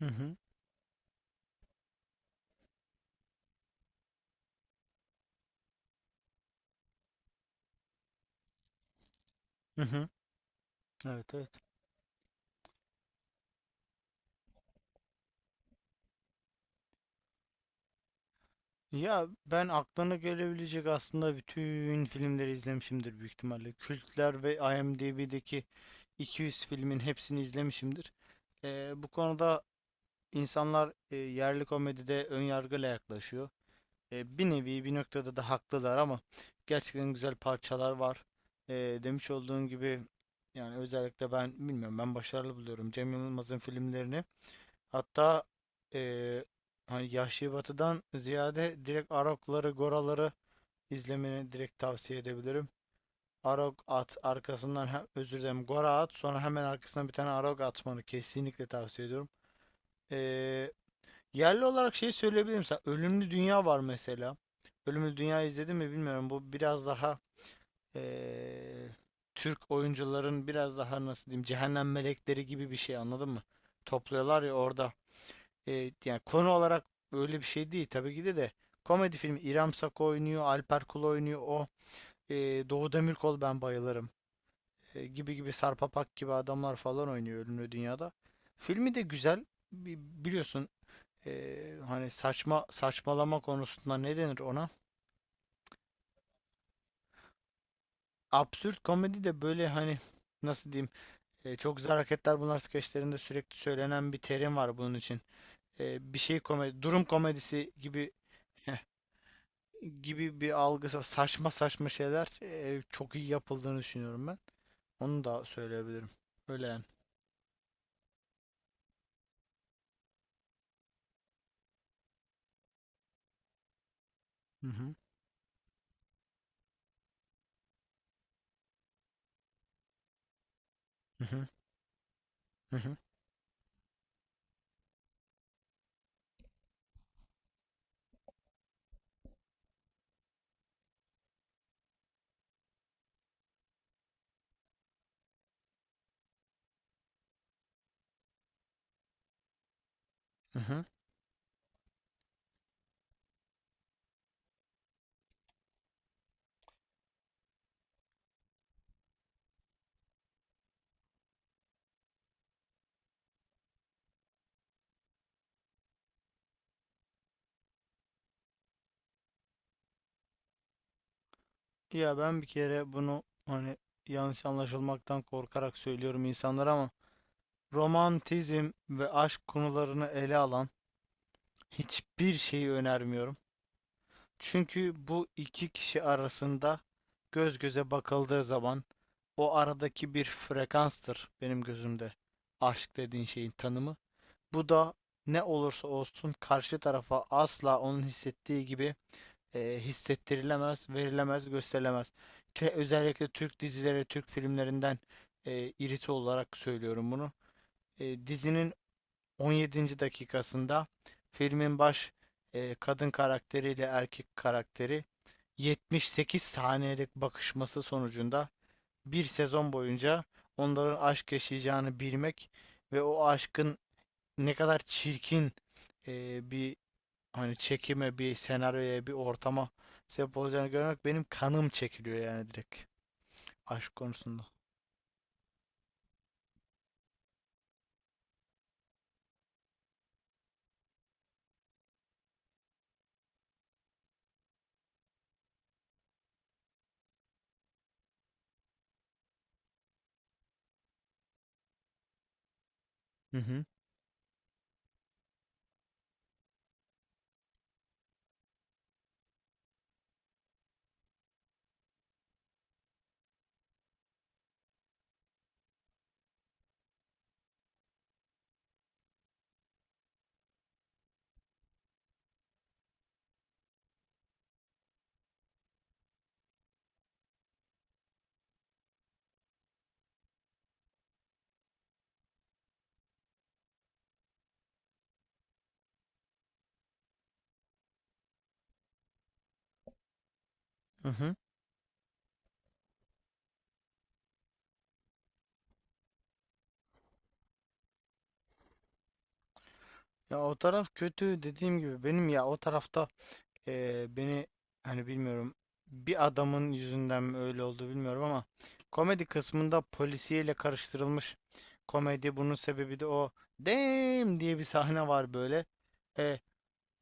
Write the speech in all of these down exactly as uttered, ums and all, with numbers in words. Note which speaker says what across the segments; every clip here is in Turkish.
Speaker 1: Hı hı. Hı hı. Evet, evet. Ya ben aklına gelebilecek aslında bütün filmleri izlemişimdir büyük ihtimalle. Kültler ve IMDb'deki iki yüz filmin hepsini izlemişimdir. Ee, bu konuda insanlar e, yerli komedide ön yargıyla yaklaşıyor. E, bir nevi bir noktada da haklılar ama gerçekten güzel parçalar var. E, Demiş olduğun gibi yani özellikle ben bilmiyorum, ben başarılı buluyorum Cem Yılmaz'ın filmlerini. Hatta eee hani Yahşi Batı'dan ziyade direkt Arok'ları, Gora'ları izlemeni direkt tavsiye edebilirim. Arok at, arkasından hem, özür dilerim, Gora at, sonra hemen arkasından bir tane Arok atmanı kesinlikle tavsiye ediyorum. Eee, yerli olarak şey söyleyebilirim sana. Ölümlü Dünya var mesela. Ölümlü Dünya izledin mi bilmiyorum. Bu biraz daha eee, Türk oyuncuların biraz daha nasıl diyeyim, cehennem melekleri gibi bir şey, anladın mı? Topluyorlar ya orada. E, yani konu olarak öyle bir şey değil tabii ki de de komedi filmi. İrem Sako oynuyor, Alper Kul oynuyor, o e, Doğu Demirkol, ben bayılırım. E, gibi gibi Sarpapak gibi adamlar falan oynuyor Ölümlü Dünya'da. Filmi de güzel. Biliyorsun e, hani saçma saçmalama konusunda ne denir ona? Absürt komedi de böyle hani nasıl diyeyim, e, çok güzel hareketler bunlar, skeçlerinde sürekli söylenen bir terim var bunun için. E, bir şey Komedi, durum komedisi gibi. Heh, gibi bir algısı. Saçma saçma şeyler e, çok iyi yapıldığını düşünüyorum ben. Onu da söyleyebilirim. Öyle yani. Hı hı. Hı hı. Hı hı. Hı hı. Ya ben bir kere bunu hani yanlış anlaşılmaktan korkarak söylüyorum insanlara ama romantizm ve aşk konularını ele alan hiçbir şeyi önermiyorum. Çünkü bu iki kişi arasında göz göze bakıldığı zaman o aradaki bir frekanstır benim gözümde aşk dediğin şeyin tanımı. Bu da ne olursa olsun karşı tarafa asla onun hissettiği gibi e, hissettirilemez, verilemez, gösterilemez. Te- özellikle Türk dizileri, Türk filmlerinden e, iriti olarak söylüyorum bunu. E, dizinin on yedinci dakikasında filmin baş e, kadın karakteriyle erkek karakteri yetmiş sekiz saniyelik bakışması sonucunda bir sezon boyunca onların aşk yaşayacağını bilmek ve o aşkın ne kadar çirkin e, bir hani çekime, bir senaryoya, bir ortama sebep olacağını görmek, benim kanım çekiliyor yani direkt aşk konusunda. Hı hı. Hı hı. Ya o taraf kötü dediğim gibi benim. Ya o tarafta, eee, beni hani bilmiyorum, bir adamın yüzünden mi öyle oldu bilmiyorum ama komedi kısmında polisiyle karıştırılmış komedi, bunun sebebi de o damn diye bir sahne var böyle. Eee,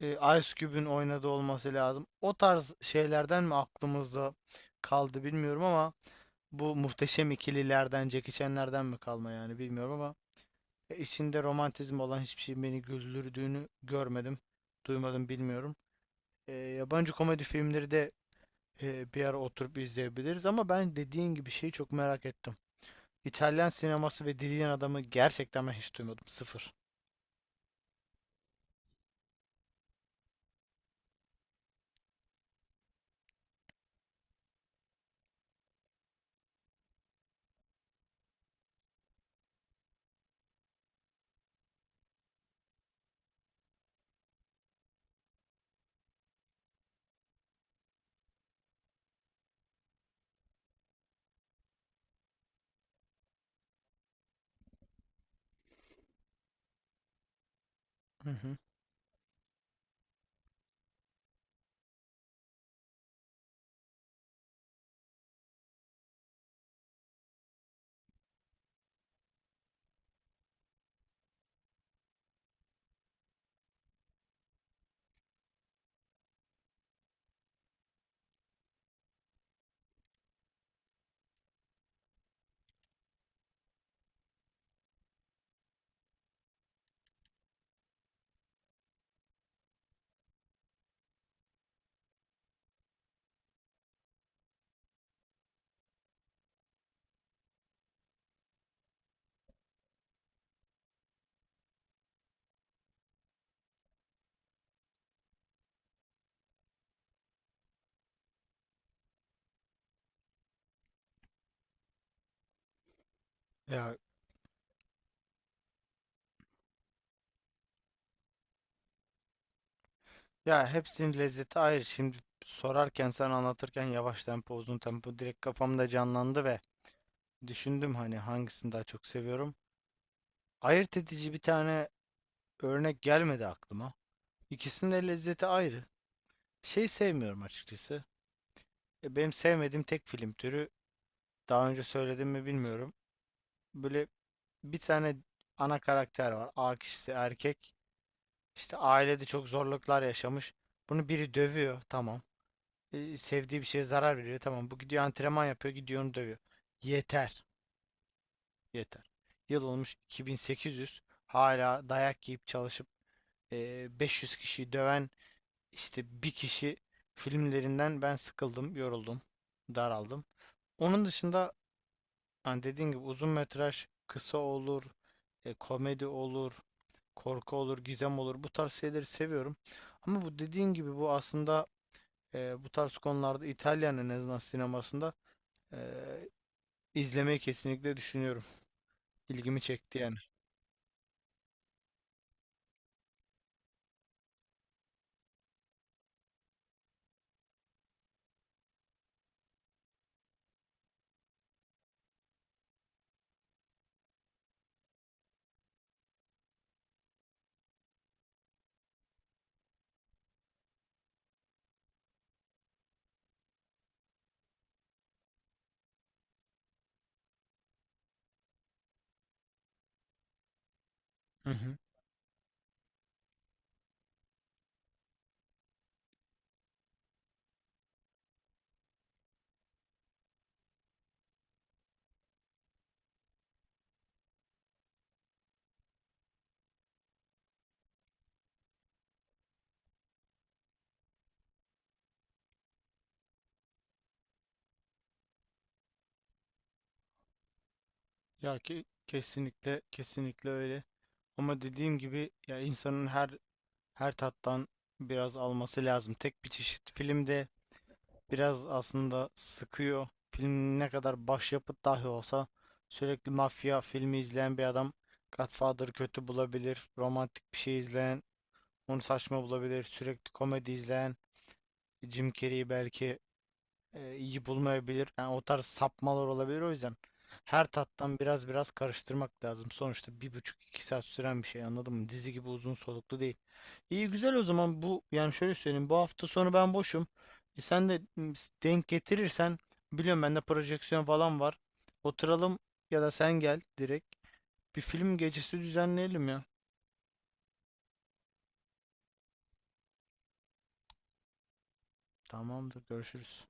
Speaker 1: e, Ice Cube'ün oynadığı olması lazım. O tarz şeylerden mi aklımızda kaldı bilmiyorum ama bu muhteşem ikililerden, Jackie Chan'lerden mi kalma yani bilmiyorum ama e, içinde romantizm olan hiçbir şey beni güldürdüğünü görmedim, duymadım, bilmiyorum. E, yabancı komedi filmleri de e, bir ara oturup izleyebiliriz ama ben dediğin gibi şeyi çok merak ettim. İtalyan sineması ve Dilyen Adamı, gerçekten ben hiç duymadım. Sıfır. Hı hı. Ya Ya hepsinin lezzeti ayrı. Şimdi sorarken, sen anlatırken yavaş tempo uzun tempo direkt kafamda canlandı ve düşündüm hani hangisini daha çok seviyorum. Ayırt edici bir tane örnek gelmedi aklıma. İkisinin de lezzeti ayrı. Şey sevmiyorum açıkçası. E, Benim sevmediğim tek film türü, daha önce söyledim mi bilmiyorum. Böyle bir tane ana karakter var. A kişisi erkek. İşte ailede çok zorluklar yaşamış. Bunu biri dövüyor. Tamam. E, sevdiği bir şeye zarar veriyor. Tamam, bu gidiyor antrenman yapıyor, gidiyor onu dövüyor. Yeter. Yeter. Yıl olmuş iki bin sekiz yüz, hala dayak yiyip çalışıp e, beş yüz kişiyi döven işte bir kişi filmlerinden ben sıkıldım, yoruldum, daraldım. Onun dışında hani dediğin gibi uzun metraj kısa olur, e, komedi olur, korku olur, gizem olur. Bu tarz şeyleri seviyorum. Ama bu dediğin gibi, bu aslında e, bu tarz konularda İtalyan en azından sinemasında e, İzlemeyi kesinlikle düşünüyorum. İlgimi çekti yani. Hı hı. Ya ki kesinlikle, kesinlikle öyle. Ama dediğim gibi ya insanın her her tattan biraz alması lazım. Tek bir çeşit filmde biraz aslında sıkıyor. Film ne kadar başyapıt dahi olsa sürekli mafya filmi izleyen bir adam Godfather'ı kötü bulabilir. Romantik bir şey izleyen onu saçma bulabilir. Sürekli komedi izleyen Jim Carrey'i belki e, iyi bulmayabilir. Yani o tarz sapmalar olabilir, o yüzden. Her tattan biraz biraz karıştırmak lazım. Sonuçta bir buçuk iki saat süren bir şey, anladın mı? Dizi gibi uzun soluklu değil. İyi, güzel o zaman. Bu yani şöyle söyleyeyim, bu hafta sonu ben boşum. E, sen de m, Denk getirirsen, biliyorum bende projeksiyon falan var. Oturalım, ya da sen gel direkt, bir film gecesi düzenleyelim ya. Tamamdır, görüşürüz.